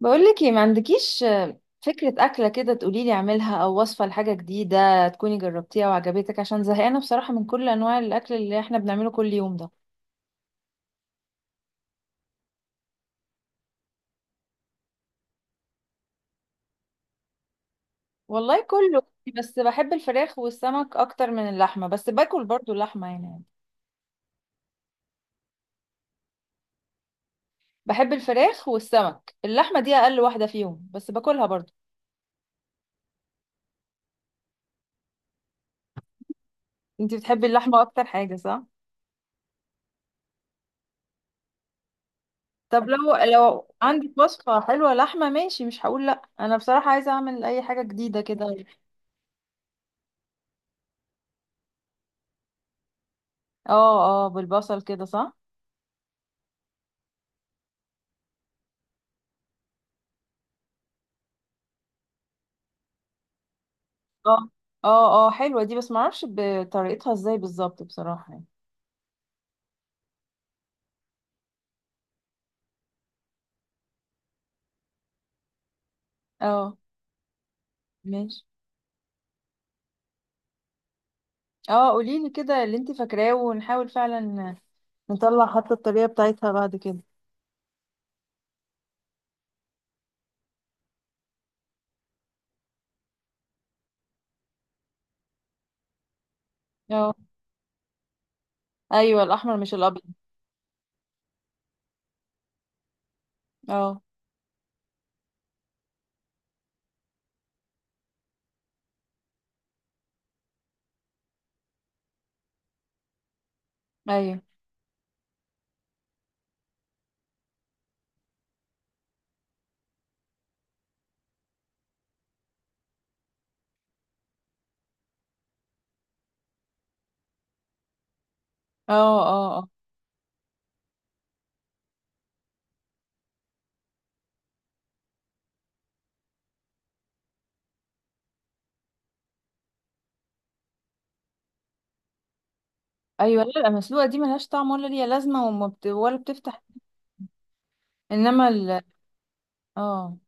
بقولك ايه، ما عندكيش فكرة أكلة كده تقوليلي اعملها، أو وصفة لحاجة جديدة تكوني جربتيها وعجبتك؟ عشان زهقانة بصراحة من كل أنواع الأكل اللي احنا بنعمله كل يوم ده. والله كله، بس بحب الفراخ والسمك أكتر من اللحمة، بس باكل برضو اللحمة بحب الفراخ والسمك. اللحمة دي أقل واحدة فيهم، بس باكلها برضو. انتي بتحبي اللحمة أكتر حاجة صح؟ طب لو عندك وصفة حلوة لحمة ماشي، مش هقول لأ، أنا بصراحة عايزة أعمل أي حاجة جديدة كده. اه اه، بالبصل كده صح؟ اه اه، اه حلوة دي، بس معرفش بطريقتها ازاي بالظبط بصراحة اه ماشي. اه قوليلي كده اللي انت فاكراه، ونحاول فعلا نطلع حتى الطريقة بتاعتها بعد كده. اه، ايوه الاحمر مش الابيض. اه، ايوه. اه اه. اه، ايوه. لا المسلوقة دي ملهاش طعم ولا ليها لازمة، وما بت... ولا بتفتح. انما ال اه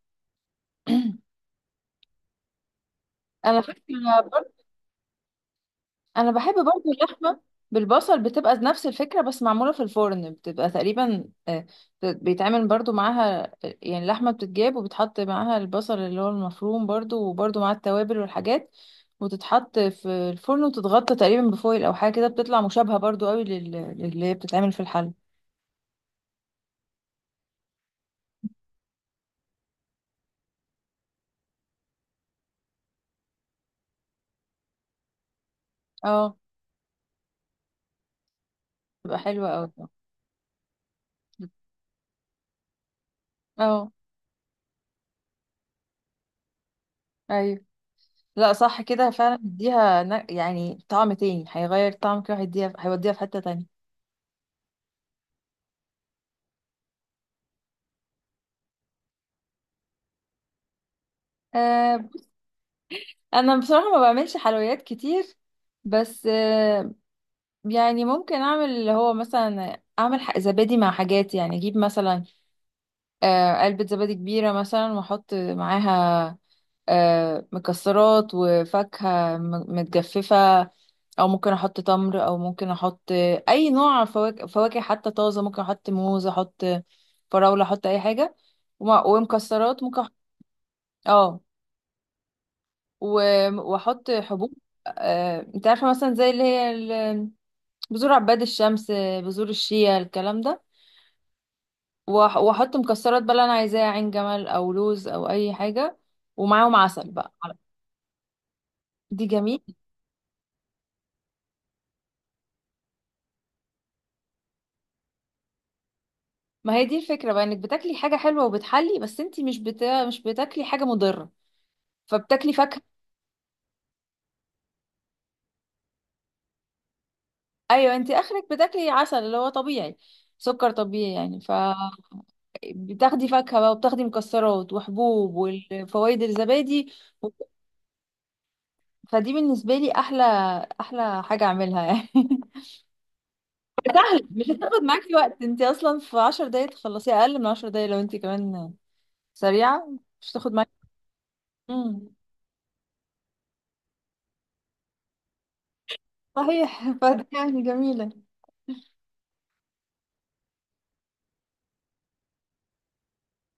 انا فاكرة برضه، انا بحب برضو اللحمه بالبصل، بتبقى نفس الفكره بس معموله في الفرن. بتبقى تقريبا، بيتعمل برضو معاها. يعني اللحمه بتتجاب، وبتحط معاها البصل اللي هو المفروم برضو، وبرضو مع التوابل والحاجات، وتتحط في الفرن وتتغطى تقريبا بفويل او حاجه كده. بتطلع مشابهه برضو قوي للي هي بتتعمل في الحل. اه، بتبقى حلوه قوي. اه ايوه، لا صح كده فعلا، بيديها يعني طعم تاني، هيغير طعم كده، هيديها هيوديها في حته تانية. انا بصراحة ما بعملش حلويات كتير، بس يعني ممكن اعمل اللي هو مثلا اعمل زبادي مع حاجات، يعني اجيب مثلا علبة زبادي كبيرة مثلا، واحط معاها مكسرات وفاكهة متجففة، او ممكن احط تمر، او ممكن احط اي نوع فواكه، فواكه حتى طازة، ممكن احط موز، احط فراولة، احط اي حاجة. ومكسرات ممكن اه، واحط حبوب. انت عارفه مثلا زي اللي هي بذور عباد الشمس، بذور الشيا، الكلام ده. واحط مكسرات بقى اللي انا عايزاها، عين جمل او لوز او اي حاجه، ومعاهم عسل بقى. دي جميل. ما هي دي الفكره بقى، انك بتاكلي حاجه حلوه وبتحلي، بس انت مش بتا... مش بتاكلي حاجه مضره، فبتاكلي فاكهه. ايوه، انت اخرك بتاكلي عسل اللي هو طبيعي، سكر طبيعي يعني. فبتاخدي فاكهه بقى، وبتاخدي مكسرات وحبوب، والفوائد الزبادي. فدي بالنسبة لي أحلى أحلى حاجة أعملها يعني. سهل، مش هتاخد معاكي وقت، انت أصلا في 10 دقايق تخلصيها، أقل من 10 دقايق لو انت كمان سريعة. مش هتاخد معاكي. امم، صحيح. فدي يعني جميلة.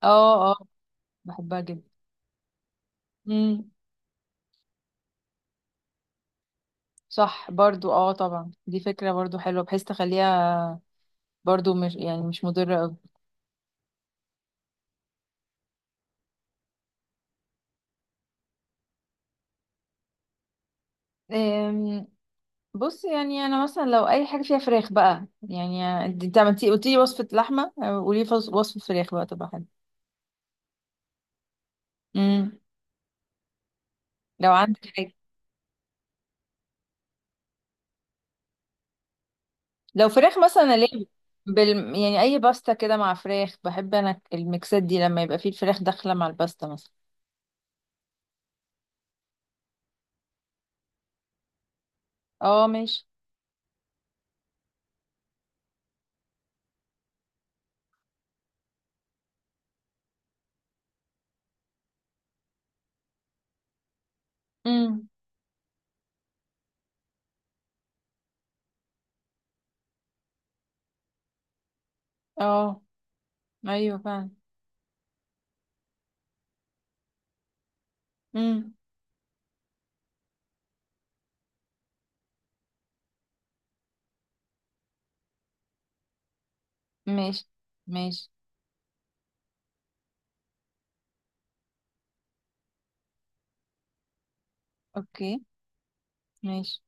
اه اه، بحبها جدا. امم. صح برضو، اه طبعا دي فكرة برضو حلوة، بحيث تخليها برضو مش يعني مش مضرة أوي. أم، بص يعني انا مثلا لو اي حاجه فيها فراخ بقى، يعني انت عملتي قلتي لي وصفه لحمه، قولي لي وصفه فراخ بقى تبقى حلوه لو عندك حاجة. لو فراخ مثلا أنا ليه بال... يعني أي باستا كده مع فراخ، بحب أنا الميكسات دي لما يبقى فيه الفراخ داخلة مع الباستا مثلا. اه ماشي. امم. اه. أيوه فعلا. امم. ماشي ماشي. اوكي. ماشي.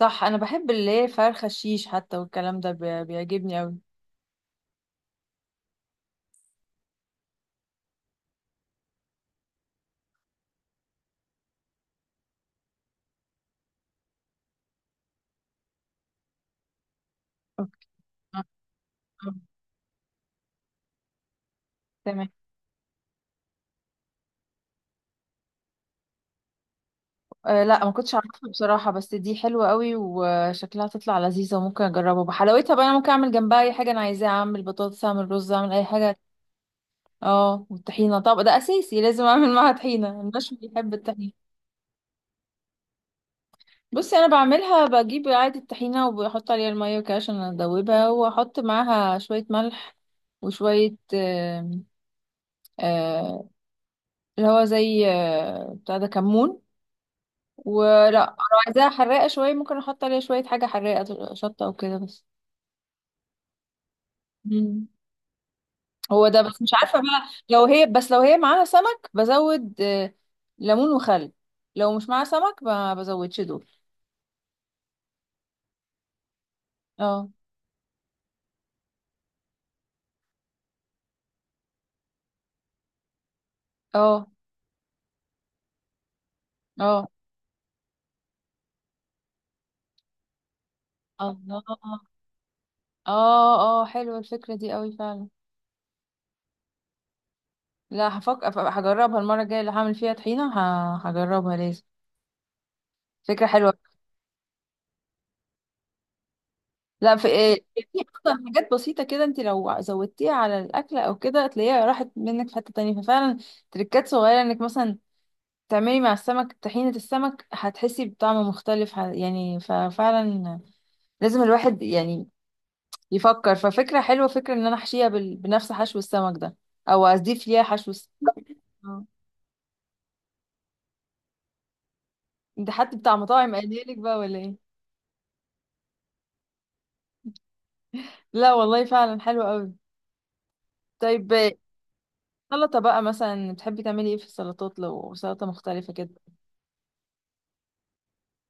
صح، أنا بحب اللي هي فرخة الشيش حتى، والكلام ده بيعجبني أوي. اوكي. آه، آه، تمام. أه لا، ما كنتش عارفها بصراحة، بس دي حلوة قوي وشكلها تطلع لذيذة، وممكن أجربها. بحلاوتها بقى أنا ممكن أعمل جنبها أي حاجة أنا عايزاها، أعمل بطاطس، أعمل رز، أعمل أي حاجة. اه والطحينة. طب ده أساسي، لازم أعمل معاها طحينة، المشوي بيحب الطحينة. بصي أنا بعملها، بجيب عادي الطحينة وبحط عليها المية وكده عشان أدوبها، وأحط معاها شوية ملح، وشوية آم، آه، اللي هو زي بتاع ده كمون. ولا لو عايزاها حراقة شوية، ممكن أحط عليها شوية حاجة حراقة، شطة أو كده بس. مم. هو ده بس، مش عارفة بقى لو هي، بس لو هي معاها سمك بزود ليمون وخل، لو مش معاها سمك ما بزودش دول. اه. اه اه. الله، اه اه، حلوة الفكرة دي قوي فعلا. لا هفكر، هجربها المرة الجاية اللي هعمل فيها طحينة، هجربها لازم، فكرة حلوة. لا في إيه، في اصلا حاجات بسيطة كده انت لو زودتيها على الأكلة او كده، تلاقيها راحت منك في حتة تانية. ففعلا تريكات صغيرة، انك مثلا تعملي مع السمك طحينة السمك، هتحسي بطعم مختلف يعني. ففعلا لازم الواحد يعني يفكر. ففكرة حلوة، فكرة ان انا احشيها بنفس حشو السمك ده، او اضيف ليها حشو السمك. ده حد بتاع مطاعم قايلها لك بقى ولا ايه؟ لا والله فعلا حلو قوي. طيب، سلطة بقى مثلا بتحبي تعملي ايه في السلطات لو سلطة مختلفة كده؟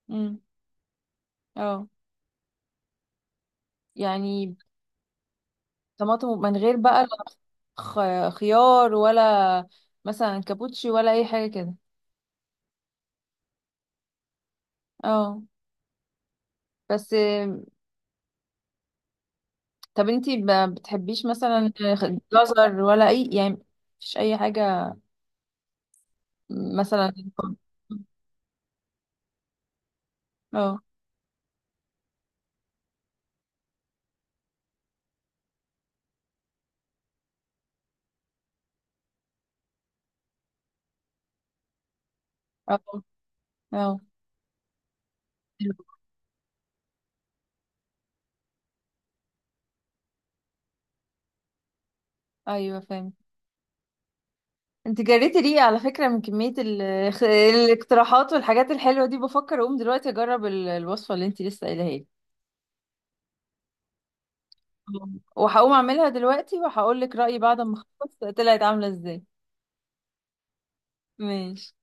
امم. اه يعني، طماطم من غير بقى، لا خيار ولا مثلا كابوتشي ولا اي حاجة كده؟ اه بس طب انتي ما بتحبيش مثلا جزر ولا اي يعني، مفيش اي حاجة مثلا؟ اه. اه اه. ايوه فاهم. انت جريتي ريقي على فكرة من كمية الاقتراحات والحاجات الحلوة دي، بفكر اقوم دلوقتي اجرب الوصفة اللي انت لسه قايلها لي. وهقوم اعملها دلوقتي، وهقول لك رأيي بعد ما اخلص طلعت عاملة ازاي. ماشي.